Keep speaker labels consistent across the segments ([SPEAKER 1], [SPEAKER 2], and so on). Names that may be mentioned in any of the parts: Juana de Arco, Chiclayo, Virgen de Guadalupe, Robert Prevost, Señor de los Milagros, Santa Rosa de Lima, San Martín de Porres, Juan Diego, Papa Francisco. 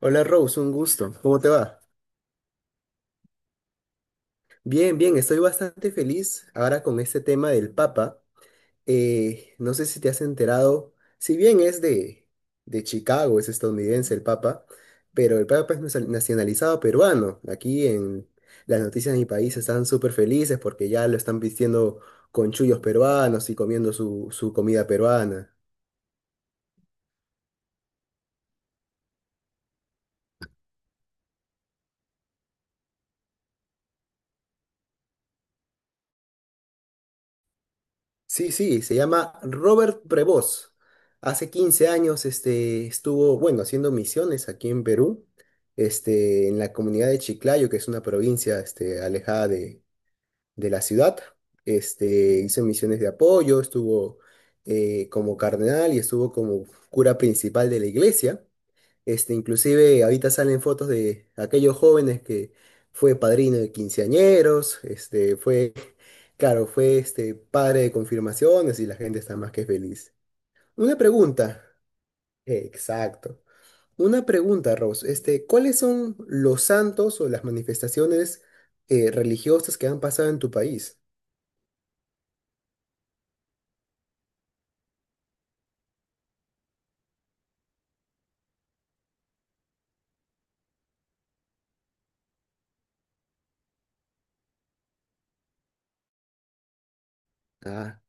[SPEAKER 1] Hola Rose, un gusto. ¿Cómo te va? Bien, bien, estoy bastante feliz ahora con este tema del Papa. No sé si te has enterado, si bien es de Chicago, es estadounidense el Papa, pero el Papa es nacionalizado peruano. Aquí en las noticias de mi país están súper felices porque ya lo están vistiendo con chullos peruanos y comiendo su comida peruana. Sí, sí, se llama Robert Prevost. Hace 15 años estuvo, bueno, haciendo misiones aquí en Perú, en la comunidad de Chiclayo, que es una provincia alejada de la ciudad. Hizo misiones de apoyo, estuvo como cardenal y estuvo como cura principal de la iglesia. Inclusive ahorita salen fotos de aquellos jóvenes que fue padrino de quinceañeros, este, fue claro, fue padre de confirmaciones y la gente está más que feliz. Una pregunta. Exacto. Una pregunta, Rose. ¿Cuáles son los santos o las manifestaciones religiosas que han pasado en tu país? Ah,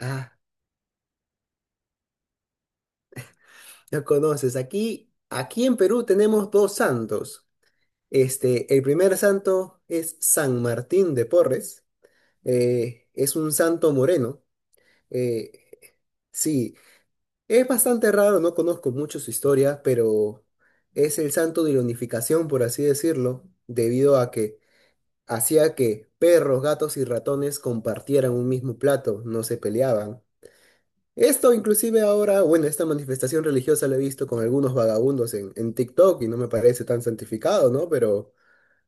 [SPEAKER 1] ah, ya conoces. Aquí en Perú tenemos dos santos. El primer santo es San Martín de Porres. Es un santo moreno. Eh, sí. Es bastante raro, no conozco mucho su historia, pero es el santo de la unificación, por así decirlo, debido a que hacía que perros, gatos y ratones compartieran un mismo plato, no se peleaban. Esto inclusive ahora, bueno, esta manifestación religiosa la he visto con algunos vagabundos en TikTok y no me parece tan santificado, ¿no? Pero,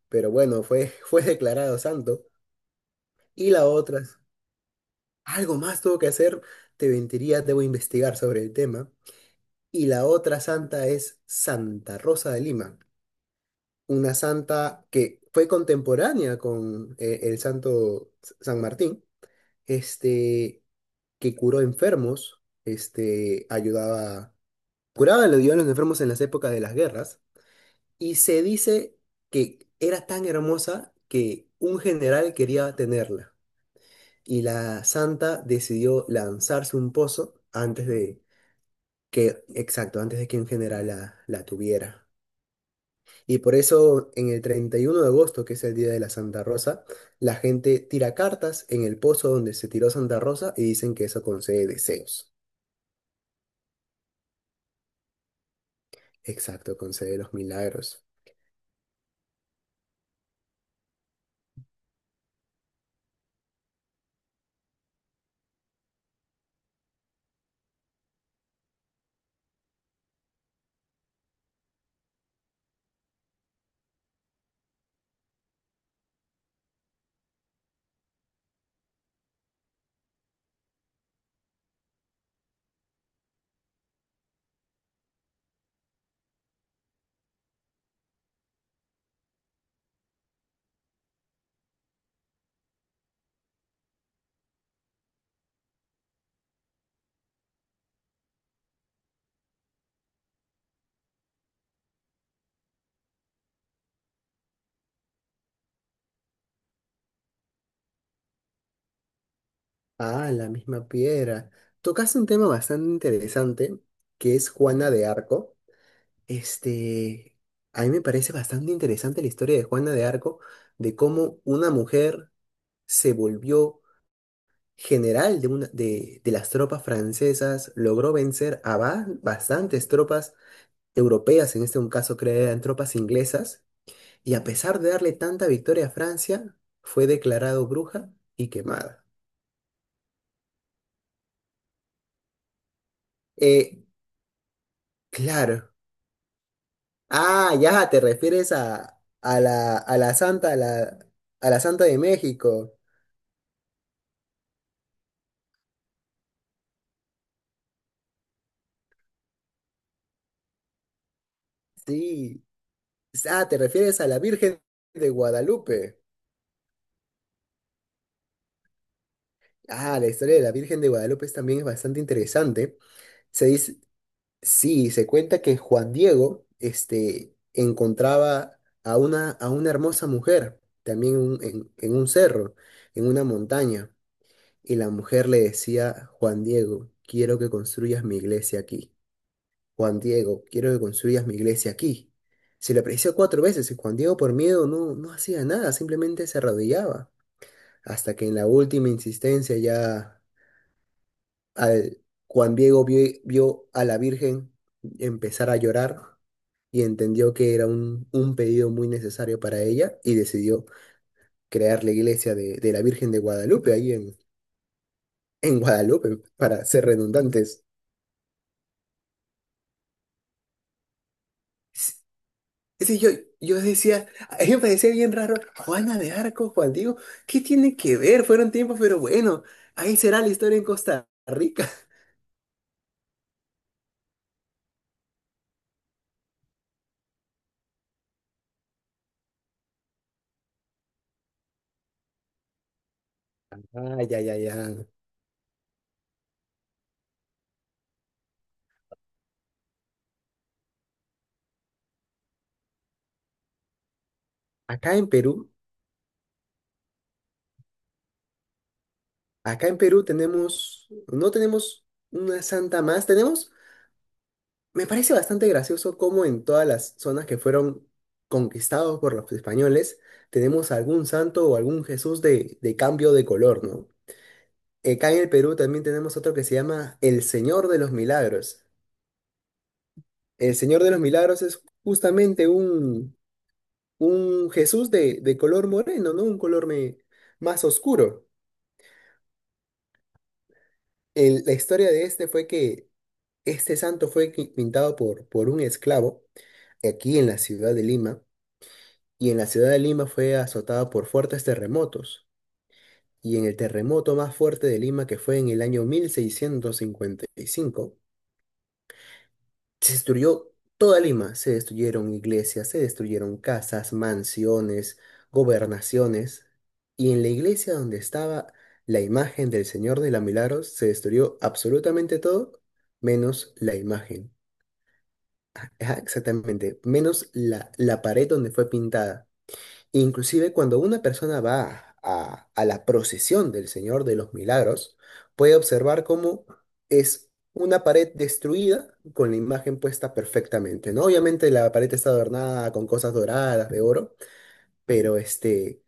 [SPEAKER 1] pero bueno, fue, fue declarado santo. Y la otra, algo más tuvo que hacer, te mentiría, debo investigar sobre el tema. Y la otra santa es Santa Rosa de Lima, una santa que fue contemporánea con el santo San Martín, este, que curó enfermos, ayudaba, curaba, le ayudaba a los enfermos en las épocas de las guerras, y se dice que era tan hermosa que un general quería tenerla, y la santa decidió lanzarse un pozo antes de que, exacto, antes de que un general la tuviera. Y por eso en el 31 de agosto, que es el día de la Santa Rosa, la gente tira cartas en el pozo donde se tiró Santa Rosa y dicen que eso concede deseos. Exacto, concede los milagros. Ah, la misma piedra. Tocaste un tema bastante interesante, que es Juana de Arco. Este, a mí me parece bastante interesante la historia de Juana de Arco, de cómo una mujer se volvió general de las tropas francesas, logró vencer a bastantes tropas europeas, en este caso creo que eran tropas inglesas, y a pesar de darle tanta victoria a Francia, fue declarado bruja y quemada. Eh, claro. Ah, ya, te refieres a la, Santa de México. Sí. Ah, te refieres a la Virgen de Guadalupe. Ah, la historia de la Virgen de Guadalupe también es bastante interesante. Se dice, Sí, se cuenta que Juan Diego, encontraba a una hermosa mujer, también en un cerro, en una montaña, y la mujer le decía, Juan Diego, quiero que construyas mi iglesia aquí. Juan Diego, quiero que construyas mi iglesia aquí. Se le apareció cuatro veces y Juan Diego por miedo no, no hacía nada, simplemente se arrodillaba, hasta que en la última insistencia ya al, Juan Diego vio, a la Virgen empezar a llorar y entendió que era un pedido muy necesario para ella y decidió crear la iglesia de la Virgen de Guadalupe ahí en Guadalupe, para ser redundantes. Sí, yo decía, a mí me parecía bien raro, Juana de Arco, Juan Diego, ¿qué tiene que ver? Fueron tiempos, pero bueno, ahí será la historia en Costa Rica. Ah, ya, ya, ya. Acá en Perú, acá en Perú no tenemos una santa más, tenemos. Me parece bastante gracioso cómo en todas las zonas que fueron conquistados por los españoles tenemos algún santo o algún Jesús de cambio de color, ¿no? Acá en el Perú también tenemos otro que se llama el Señor de los Milagros. El Señor de los Milagros es justamente un Jesús de color moreno, ¿no? Un color más oscuro. La historia de este fue que este santo fue pintado por un esclavo aquí en la ciudad de Lima y en la ciudad de Lima fue azotada por fuertes terremotos. Y en el terremoto más fuerte de Lima, que fue en el año 1655, se destruyó toda Lima. Se destruyeron iglesias, se destruyeron casas, mansiones, gobernaciones. Y en la iglesia donde estaba la imagen del Señor de la Milagros, se destruyó absolutamente todo, menos la imagen. Ajá, exactamente, menos la pared donde fue pintada. Inclusive cuando una persona va a la procesión del Señor de los Milagros, puede observar cómo es una pared destruida con la imagen puesta perfectamente, ¿no? Obviamente la pared está adornada con cosas doradas, de oro, pero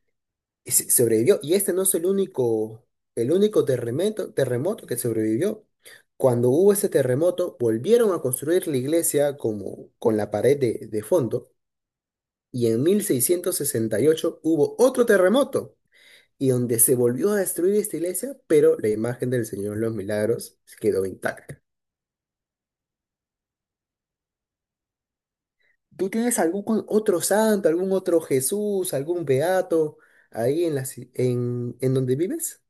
[SPEAKER 1] sobrevivió. Y este no es el único terremoto que sobrevivió. Cuando hubo ese terremoto, volvieron a construir la iglesia como con la pared de fondo y en 1668 hubo otro terremoto, y donde se volvió a destruir esta iglesia, pero la imagen del Señor de los Milagros quedó intacta. ¿Tú tienes algún otro santo, algún otro Jesús, algún beato ahí en, la, ci- en donde vives?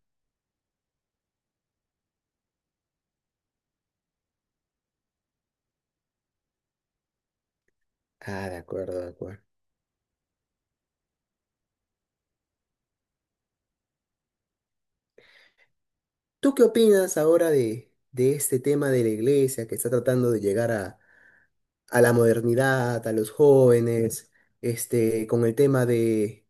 [SPEAKER 1] Ah, de acuerdo, de acuerdo. ¿Tú qué opinas ahora de este tema de la iglesia que está tratando de llegar a la modernidad, a los jóvenes, con el tema de,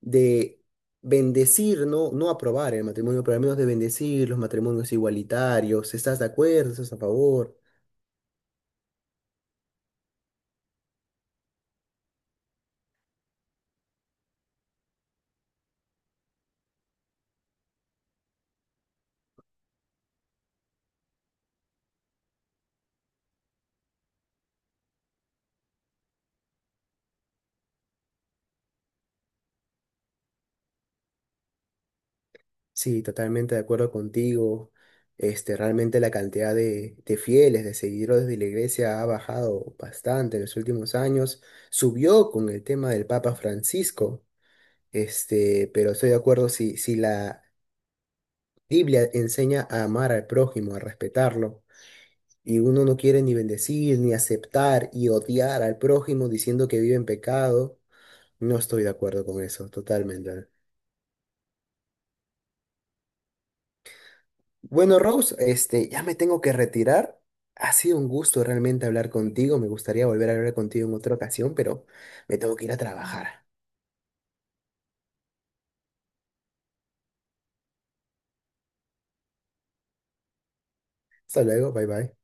[SPEAKER 1] de bendecir, no, no aprobar el matrimonio, pero al menos de bendecir los matrimonios igualitarios? ¿Estás de acuerdo? ¿Estás a favor? Sí, totalmente de acuerdo contigo. Realmente la cantidad de fieles, de seguidores de la iglesia ha bajado bastante en los últimos años. Subió con el tema del Papa Francisco. Pero estoy de acuerdo si la Biblia enseña a amar al prójimo, a respetarlo, y uno no quiere ni bendecir, ni aceptar y odiar al prójimo diciendo que vive en pecado. No estoy de acuerdo con eso, totalmente. Bueno, Rose, ya me tengo que retirar. Ha sido un gusto realmente hablar contigo. Me gustaría volver a hablar contigo en otra ocasión, pero me tengo que ir a trabajar. Hasta luego, bye bye.